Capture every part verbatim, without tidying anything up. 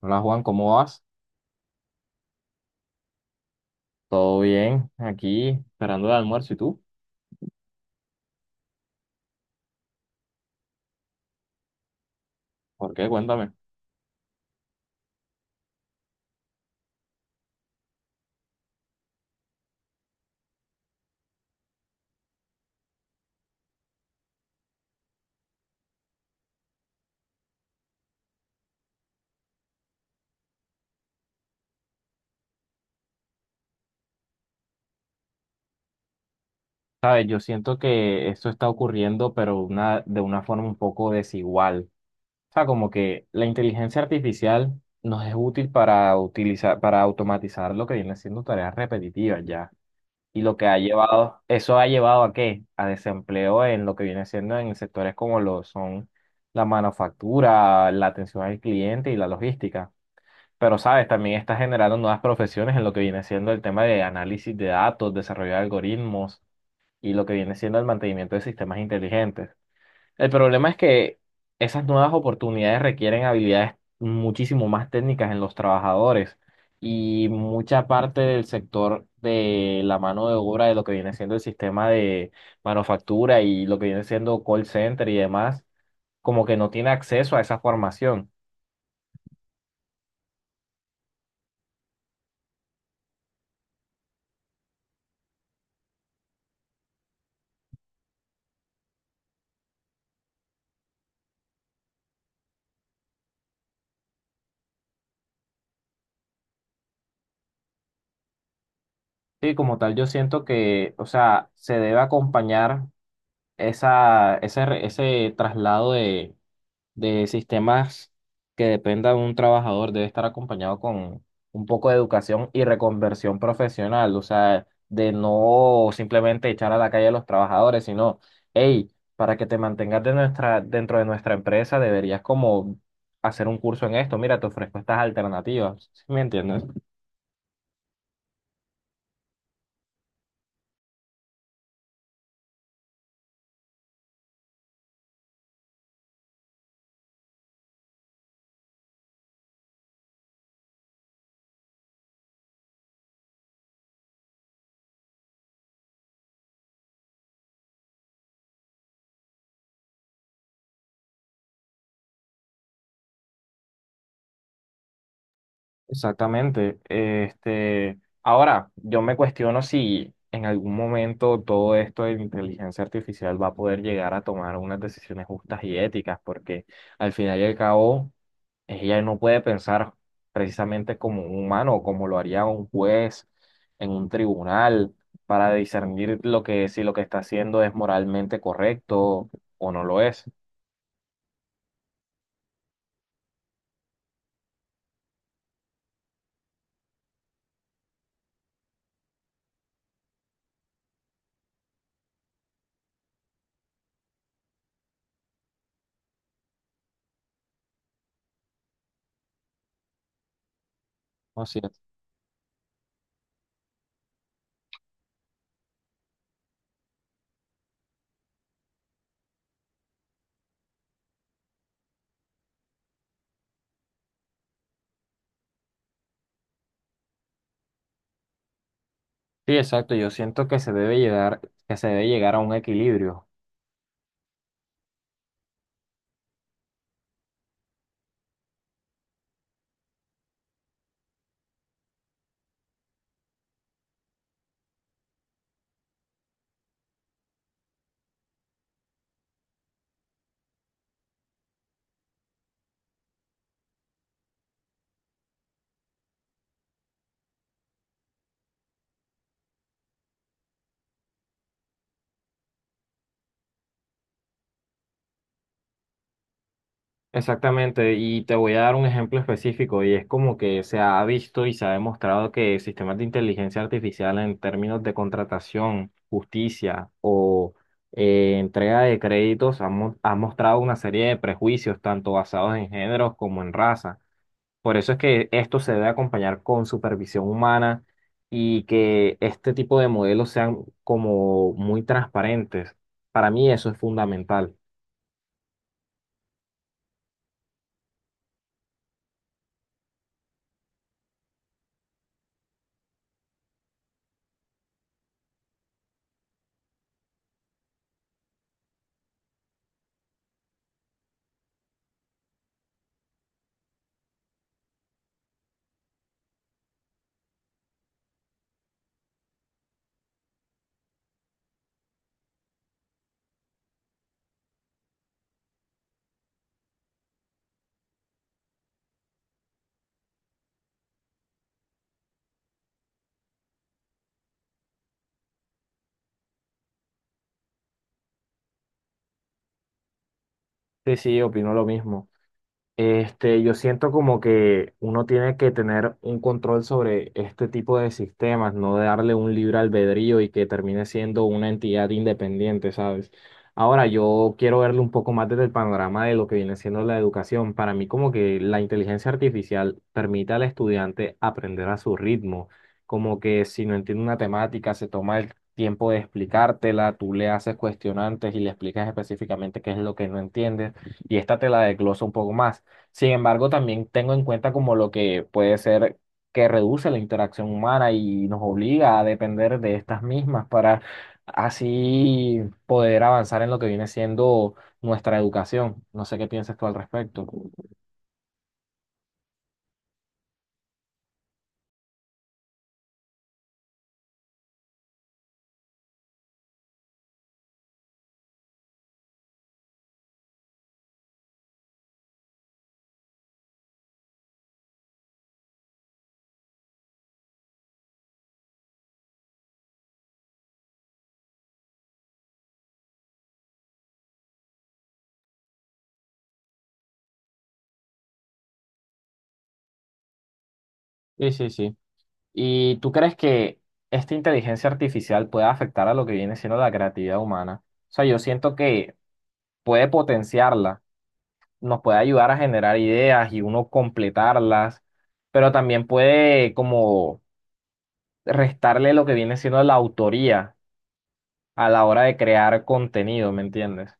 Hola Juan, ¿cómo vas? ¿Todo bien? Aquí esperando el almuerzo. ¿Y tú? ¿Por qué? Cuéntame. Sabes, yo siento que esto está ocurriendo, pero una, de una forma un poco desigual. O sea, como que la inteligencia artificial nos es útil para utilizar, para automatizar lo que viene siendo tareas repetitivas ya. Y lo que ha llevado, eso ha llevado ¿a qué? A desempleo en lo que viene siendo en sectores como lo son la manufactura, la atención al cliente y la logística. Pero, ¿sabes? También está generando nuevas profesiones en lo que viene siendo el tema de análisis de datos, desarrollo de algoritmos y lo que viene siendo el mantenimiento de sistemas inteligentes. El problema es que esas nuevas oportunidades requieren habilidades muchísimo más técnicas en los trabajadores y mucha parte del sector de la mano de obra de lo que viene siendo el sistema de manufactura y lo que viene siendo call center y demás, como que no tiene acceso a esa formación. Sí, como tal, yo siento que, o sea, se debe acompañar esa, ese, re- ese traslado de, de sistemas que dependa de un trabajador, debe estar acompañado con un poco de educación y reconversión profesional, o sea, de no simplemente echar a la calle a los trabajadores, sino, hey, para que te mantengas de nuestra, dentro de nuestra empresa, deberías como hacer un curso en esto, mira, te ofrezco estas alternativas, ¿sí me entiendes? Exactamente. Este, ahora, yo me cuestiono si en algún momento todo esto de la inteligencia artificial va a poder llegar a tomar unas decisiones justas y éticas, porque al final y al cabo, ella no puede pensar precisamente como un humano, como lo haría un juez en un tribunal, para discernir lo que, si lo que está haciendo es moralmente correcto o no lo es. No es. Sí, exacto. Yo siento que se debe llegar, que se debe llegar a un equilibrio. Exactamente, y te voy a dar un ejemplo específico, y es como que se ha visto y se ha demostrado que sistemas de inteligencia artificial en términos de contratación, justicia o eh, entrega de créditos han, mo- han mostrado una serie de prejuicios, tanto basados en géneros como en raza. Por eso es que esto se debe acompañar con supervisión humana y que este tipo de modelos sean como muy transparentes. Para mí eso es fundamental. Sí, sí, opino lo mismo. Este, yo siento como que uno tiene que tener un control sobre este tipo de sistemas, no darle un libre albedrío y que termine siendo una entidad independiente, ¿sabes? Ahora, yo quiero verlo un poco más desde el panorama de lo que viene siendo la educación. Para mí, como que la inteligencia artificial permite al estudiante aprender a su ritmo, como que si no entiende una temática, se toma el tiempo de explicártela, tú le haces cuestionantes y le explicas específicamente qué es lo que no entiendes y esta te la desglosa un poco más. Sin embargo, también tengo en cuenta como lo que puede ser que reduce la interacción humana y nos obliga a depender de estas mismas para así poder avanzar en lo que viene siendo nuestra educación. No sé qué piensas tú al respecto. Sí, sí, sí. ¿Y tú crees que esta inteligencia artificial puede afectar a lo que viene siendo la creatividad humana? O sea, yo siento que puede potenciarla, nos puede ayudar a generar ideas y uno completarlas, pero también puede como restarle lo que viene siendo la autoría a la hora de crear contenido, ¿me entiendes?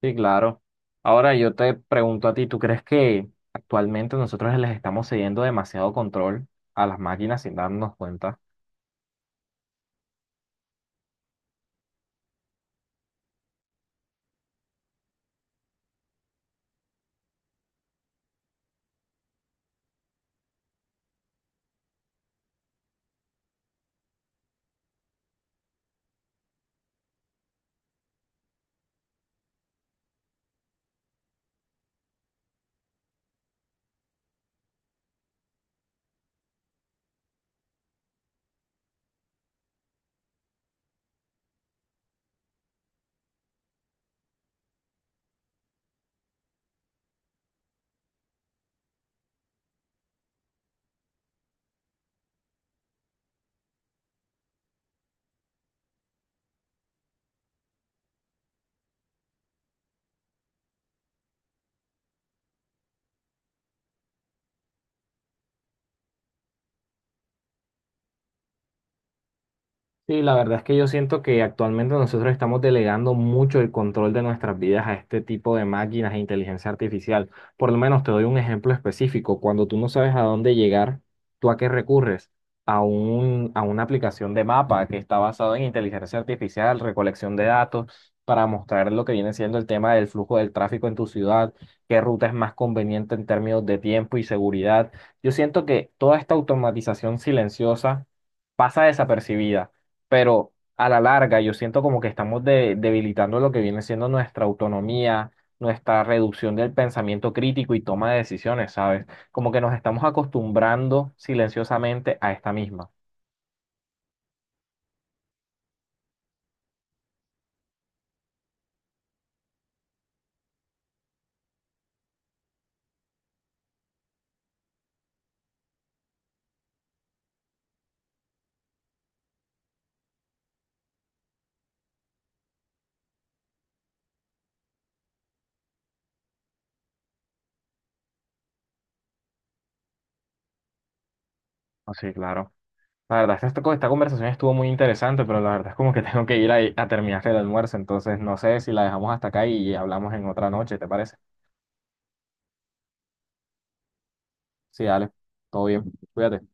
Sí, claro. Ahora yo te pregunto a ti, ¿tú crees que actualmente nosotros les estamos cediendo demasiado control a las máquinas sin darnos cuenta? Sí, la verdad es que yo siento que actualmente nosotros estamos delegando mucho el control de nuestras vidas a este tipo de máquinas e inteligencia artificial. Por lo menos te doy un ejemplo específico. Cuando tú no sabes a dónde llegar, ¿tú a qué recurres? A un, a una aplicación de mapa que está basada en inteligencia artificial, recolección de datos, para mostrar lo que viene siendo el tema del flujo del tráfico en tu ciudad, qué ruta es más conveniente en términos de tiempo y seguridad. Yo siento que toda esta automatización silenciosa pasa desapercibida, pero a la larga yo siento como que estamos de- debilitando lo que viene siendo nuestra autonomía, nuestra reducción del pensamiento crítico y toma de decisiones, ¿sabes? Como que nos estamos acostumbrando silenciosamente a esta misma. Así, claro. La verdad, esta, esta co- esta conversación estuvo muy interesante, pero la verdad es como que tengo que ir a, a terminar el almuerzo, entonces no sé si la dejamos hasta acá y hablamos en otra noche, ¿te parece? Sí, dale, todo bien, cuídate.